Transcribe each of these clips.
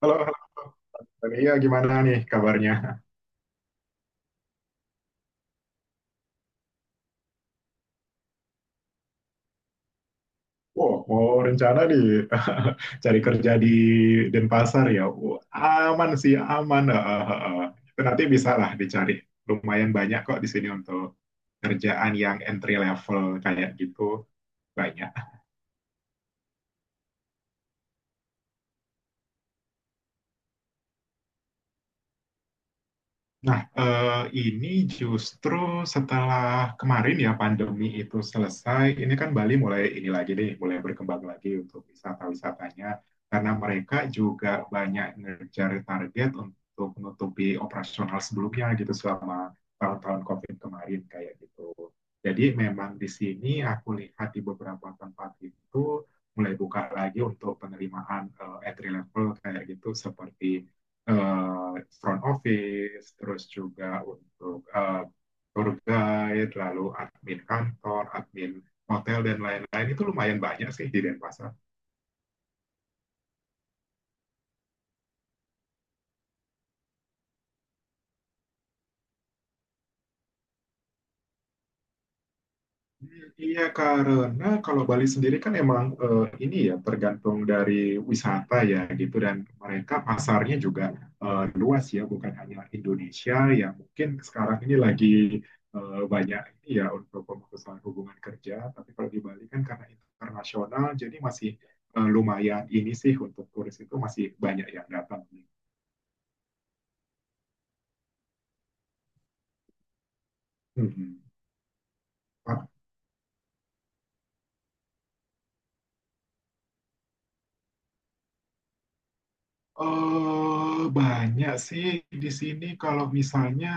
Halo, halo. Tania, gimana nih kabarnya? Wow, mau rencana nih cari kerja di Denpasar ya. Wah, aman sih, aman. Ah, ah, ah, ah. Itu nanti bisa lah dicari. Lumayan banyak kok di sini untuk kerjaan yang entry level kayak gitu. Banyak. Nah, ini justru setelah kemarin ya pandemi itu selesai, ini kan Bali mulai ini lagi nih, mulai berkembang lagi untuk wisata-wisatanya. Karena mereka juga banyak ngejar target untuk menutupi operasional sebelumnya gitu selama tahun-tahun COVID kemarin kayak gitu. Jadi memang di sini aku lihat di beberapa tempat itu mulai buka lagi untuk penerimaan entry level kayak gitu seperti eh, front office, terus juga untuk tour guide, lalu admin kantor, admin hotel, dan lain-lain. Itu lumayan banyak sih di Denpasar. Iya, karena kalau Bali sendiri kan emang ini ya tergantung dari wisata ya gitu dan mereka pasarnya juga luas ya bukan hanya Indonesia yang mungkin sekarang ini lagi banyak ini ya untuk pemutusan hubungan kerja tapi kalau di Bali kan karena internasional jadi masih lumayan ini sih untuk turis itu masih banyak yang datang. Mhm. Banyak sih di sini kalau misalnya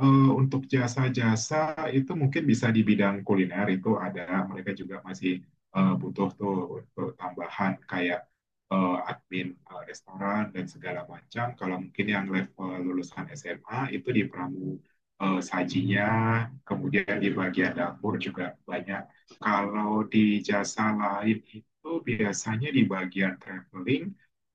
untuk jasa-jasa itu mungkin bisa di bidang kuliner itu ada mereka juga masih butuh tuh untuk tambahan kayak admin restoran dan segala macam. Kalau mungkin yang level lulusan SMA itu di pramu sajinya, kemudian di bagian dapur juga banyak. Kalau di jasa lain itu biasanya di bagian traveling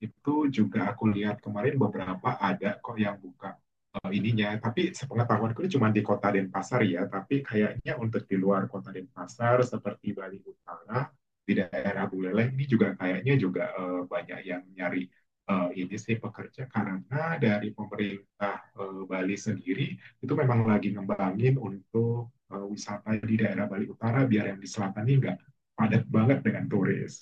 itu juga aku lihat kemarin beberapa ada kok yang buka ininya. Tapi sepengetahuanku ini cuma di kota Denpasar ya. Tapi kayaknya untuk di luar kota Denpasar seperti Bali Utara, di daerah Buleleng ini juga kayaknya juga banyak yang nyari ini sih pekerja karena dari pemerintah Bali sendiri itu memang lagi ngembangin untuk wisata di daerah Bali Utara biar yang di selatan ini nggak padat banget dengan turis.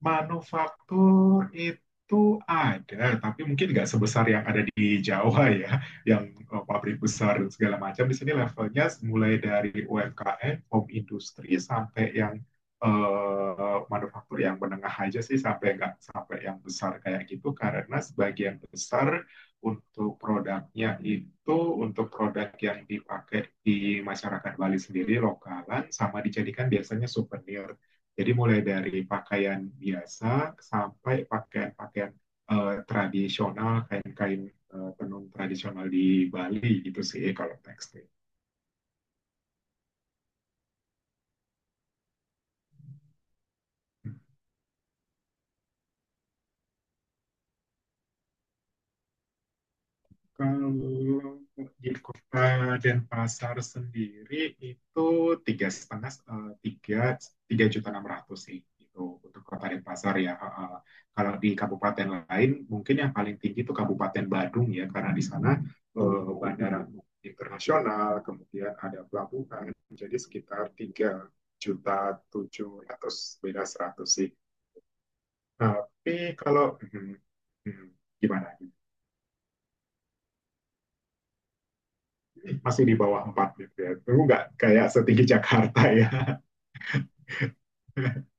Manufaktur itu ada, tapi mungkin nggak sebesar yang ada di Jawa ya, yang pabrik besar dan segala macam. Di sini levelnya mulai dari UMKM, home industri, sampai yang manufaktur yang menengah aja sih, sampai nggak sampai yang besar kayak gitu. Karena sebagian besar untuk produknya itu untuk produk yang dipakai di masyarakat Bali sendiri lokalan, sama dijadikan biasanya souvenir. Jadi mulai dari pakaian biasa sampai pakaian-pakaian tradisional, kain-kain tenun tradisional di Bali gitu sih kalau tekstil. Kalau di kota Denpasar sendiri itu tiga setengah eh, tiga tiga juta enam ratus sih itu untuk kota Denpasar ya. Eh. Kalau di kabupaten lain mungkin yang paling tinggi itu Kabupaten Badung ya karena di sana bandara internasional kemudian ada pelabuhan jadi sekitar tiga juta tujuh ratus beda seratus sih. Tapi kalau hmm, gimana? Masih di bawah 4 gitu ya. Itu nggak kayak setinggi Jakarta ya.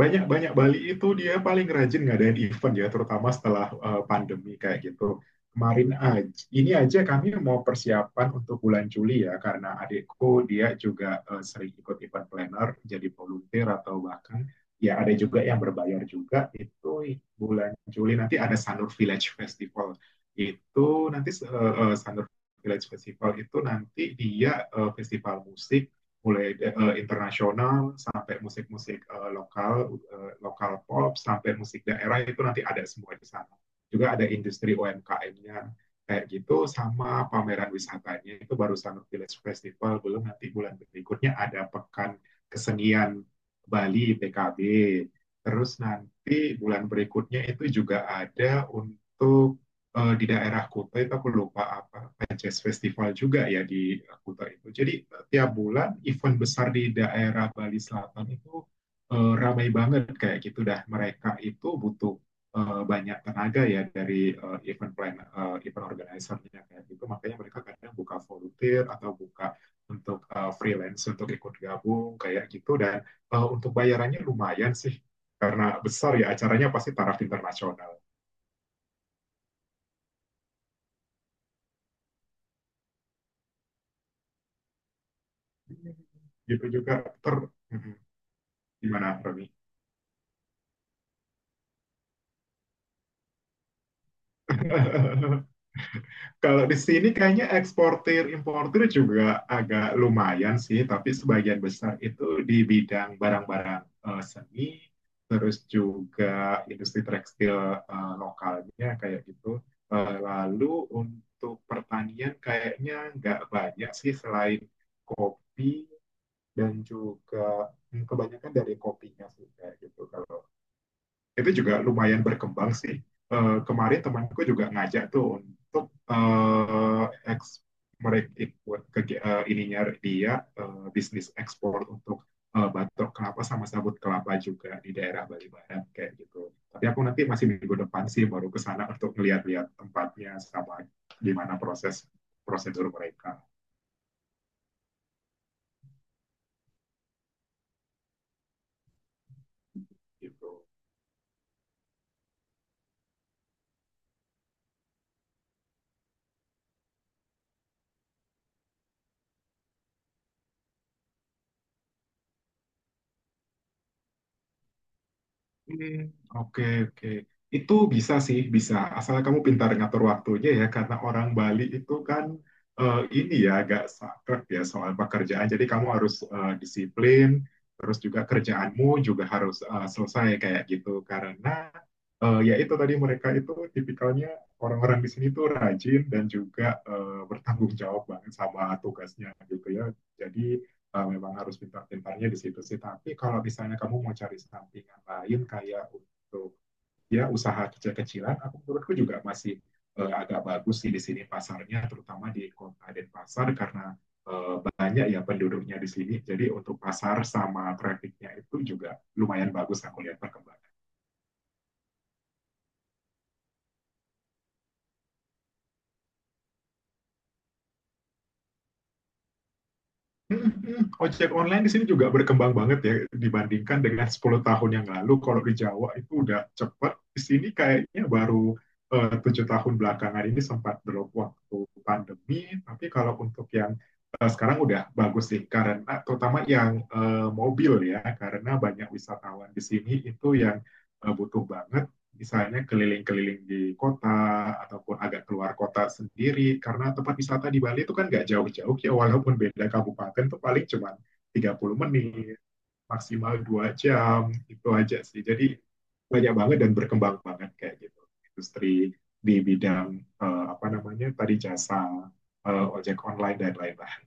Banyak-banyak Bali itu dia paling rajin ngadain event ya, terutama setelah pandemi kayak gitu. Kemarin aja, ini aja kami mau persiapan untuk bulan Juli ya, karena adikku dia juga sering ikut event planner, jadi volunteer atau bahkan ya ada juga yang berbayar juga. Itu bulan Juli nanti ada Sanur Village Festival. Itu nanti Sanur Village Festival itu nanti dia festival musik mulai internasional sampai musik-musik lokal pop sampai musik daerah itu nanti ada semua di sana juga ada industri UMKM-nya kayak gitu sama pameran wisatanya itu baru Sanur Village Festival belum nanti bulan berikutnya ada pekan kesenian Bali PKB terus nanti bulan berikutnya itu juga ada untuk di daerah Kuta itu aku lupa apa Jazz Festival juga ya di Kuta itu. Jadi tiap bulan event besar di daerah Bali Selatan itu ramai banget kayak gitu dah. Mereka itu butuh banyak tenaga ya dari event organizer-nya kayak gitu. Makanya mereka kadang buka volunteer atau buka untuk freelance untuk ikut gabung kayak gitu dan untuk bayarannya lumayan sih karena besar ya acaranya pasti taraf internasional. Gitu juga. ter Mhm. Gimana, Roni? Kalau di sini kayaknya eksportir importir juga agak lumayan sih, tapi sebagian besar itu di bidang barang-barang seni, terus juga industri tekstil lokalnya kayak gitu. Lalu untuk pertanian kayaknya nggak banyak sih selain kopi dan juga kebanyakan dari kopinya sih kayak gitu kalau itu juga lumayan berkembang sih. Kemarin temanku juga ngajak tuh untuk eh, eks- mereka ikut ke ininya dia bisnis ekspor untuk batok kelapa sama sabut kelapa juga di daerah Bali Barat kayak gitu. Tapi aku nanti masih minggu depan sih baru ke sana untuk ngeliat-liat tempatnya sama gimana proses prosedur mereka gitu. Hmm. Oke, oke. Itu bisa sih, bisa. Asal kamu pintar ngatur waktunya ya, karena orang Bali itu kan ini ya agak saklek ya soal pekerjaan. Jadi kamu harus disiplin, terus juga kerjaanmu juga harus selesai kayak gitu. Karena ya itu tadi mereka itu tipikalnya orang-orang di sini tuh rajin dan juga bertanggung jawab banget sama tugasnya gitu ya. Jadi memang harus pintar-pintarnya di situ sih. Tapi kalau misalnya kamu mau cari sampingan lain kayak untuk ya usaha kecil-kecilan, aku menurutku juga masih agak bagus sih di sini pasarnya, terutama di kota Denpasar karena banyak ya penduduknya di sini. Jadi untuk pasar sama trafficnya itu juga lumayan bagus aku lihat perkembangan. Mm, mm. Ojek online di sini juga berkembang banget ya dibandingkan dengan 10 tahun yang lalu. Kalau di Jawa itu udah cepat, di sini kayaknya baru 7 tahun belakangan ini sempat drop waktu pandemi. Tapi kalau untuk yang sekarang udah bagus sih, karena terutama yang mobil ya, karena banyak wisatawan di sini itu yang butuh banget misalnya keliling-keliling di kota ataupun agak keluar kota sendiri karena tempat wisata di Bali itu kan nggak jauh-jauh ya walaupun beda kabupaten itu paling cuma 30 menit maksimal 2 jam itu aja sih jadi banyak banget dan berkembang banget kayak gitu industri di bidang apa namanya tadi jasa ojek online dan lain-lain.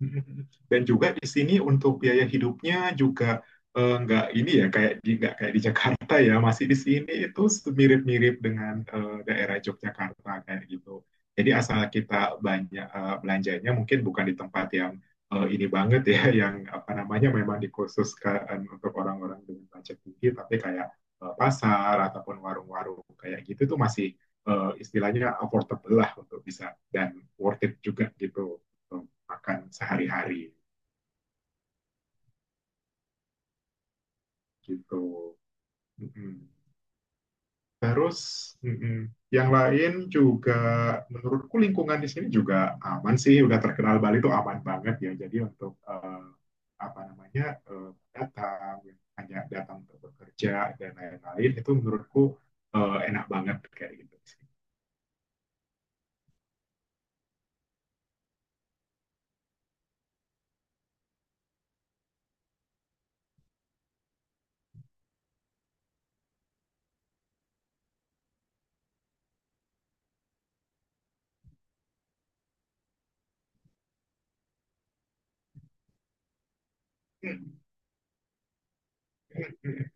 Dan juga di sini untuk biaya hidupnya juga nggak ini ya kayak di nggak kayak di Jakarta ya masih di sini itu mirip-mirip dengan daerah Yogyakarta kayak gitu. Jadi asal kita banyak belanjanya mungkin bukan di tempat yang ini banget ya yang apa namanya memang dikhususkan untuk orang-orang dengan budget tinggi tapi kayak pasar ataupun warung-warung kayak gitu tuh masih istilahnya affordable lah untuk bisa dan worth it juga gitu makan sehari-hari gitu. Mm-mm. Terus mm-mm. yang lain juga menurutku lingkungan di sini juga aman sih. Udah terkenal Bali itu aman banget ya. Jadi untuk apa namanya eh, datang yang hanya datang untuk bekerja dan lain-lain itu menurutku enak banget kayak gitu sih.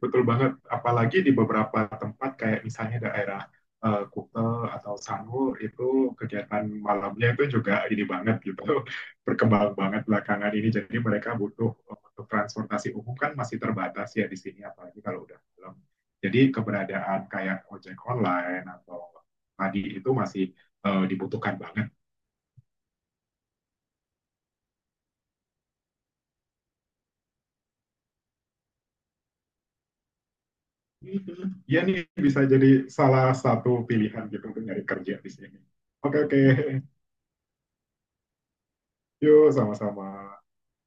Betul banget. Apalagi di beberapa tempat kayak misalnya daerah Kuta atau Sanur itu kegiatan malamnya itu juga ini banget gitu. Berkembang banget belakangan ini. Jadi mereka butuh untuk transportasi umum kan masih terbatas ya di sini apalagi kalau udah malam. Jadi keberadaan kayak ojek online atau tadi itu masih dibutuhkan banget. Ya nih bisa jadi salah satu pilihan gitu untuk nyari kerja di sini. Oke, oke. Yuk sama-sama.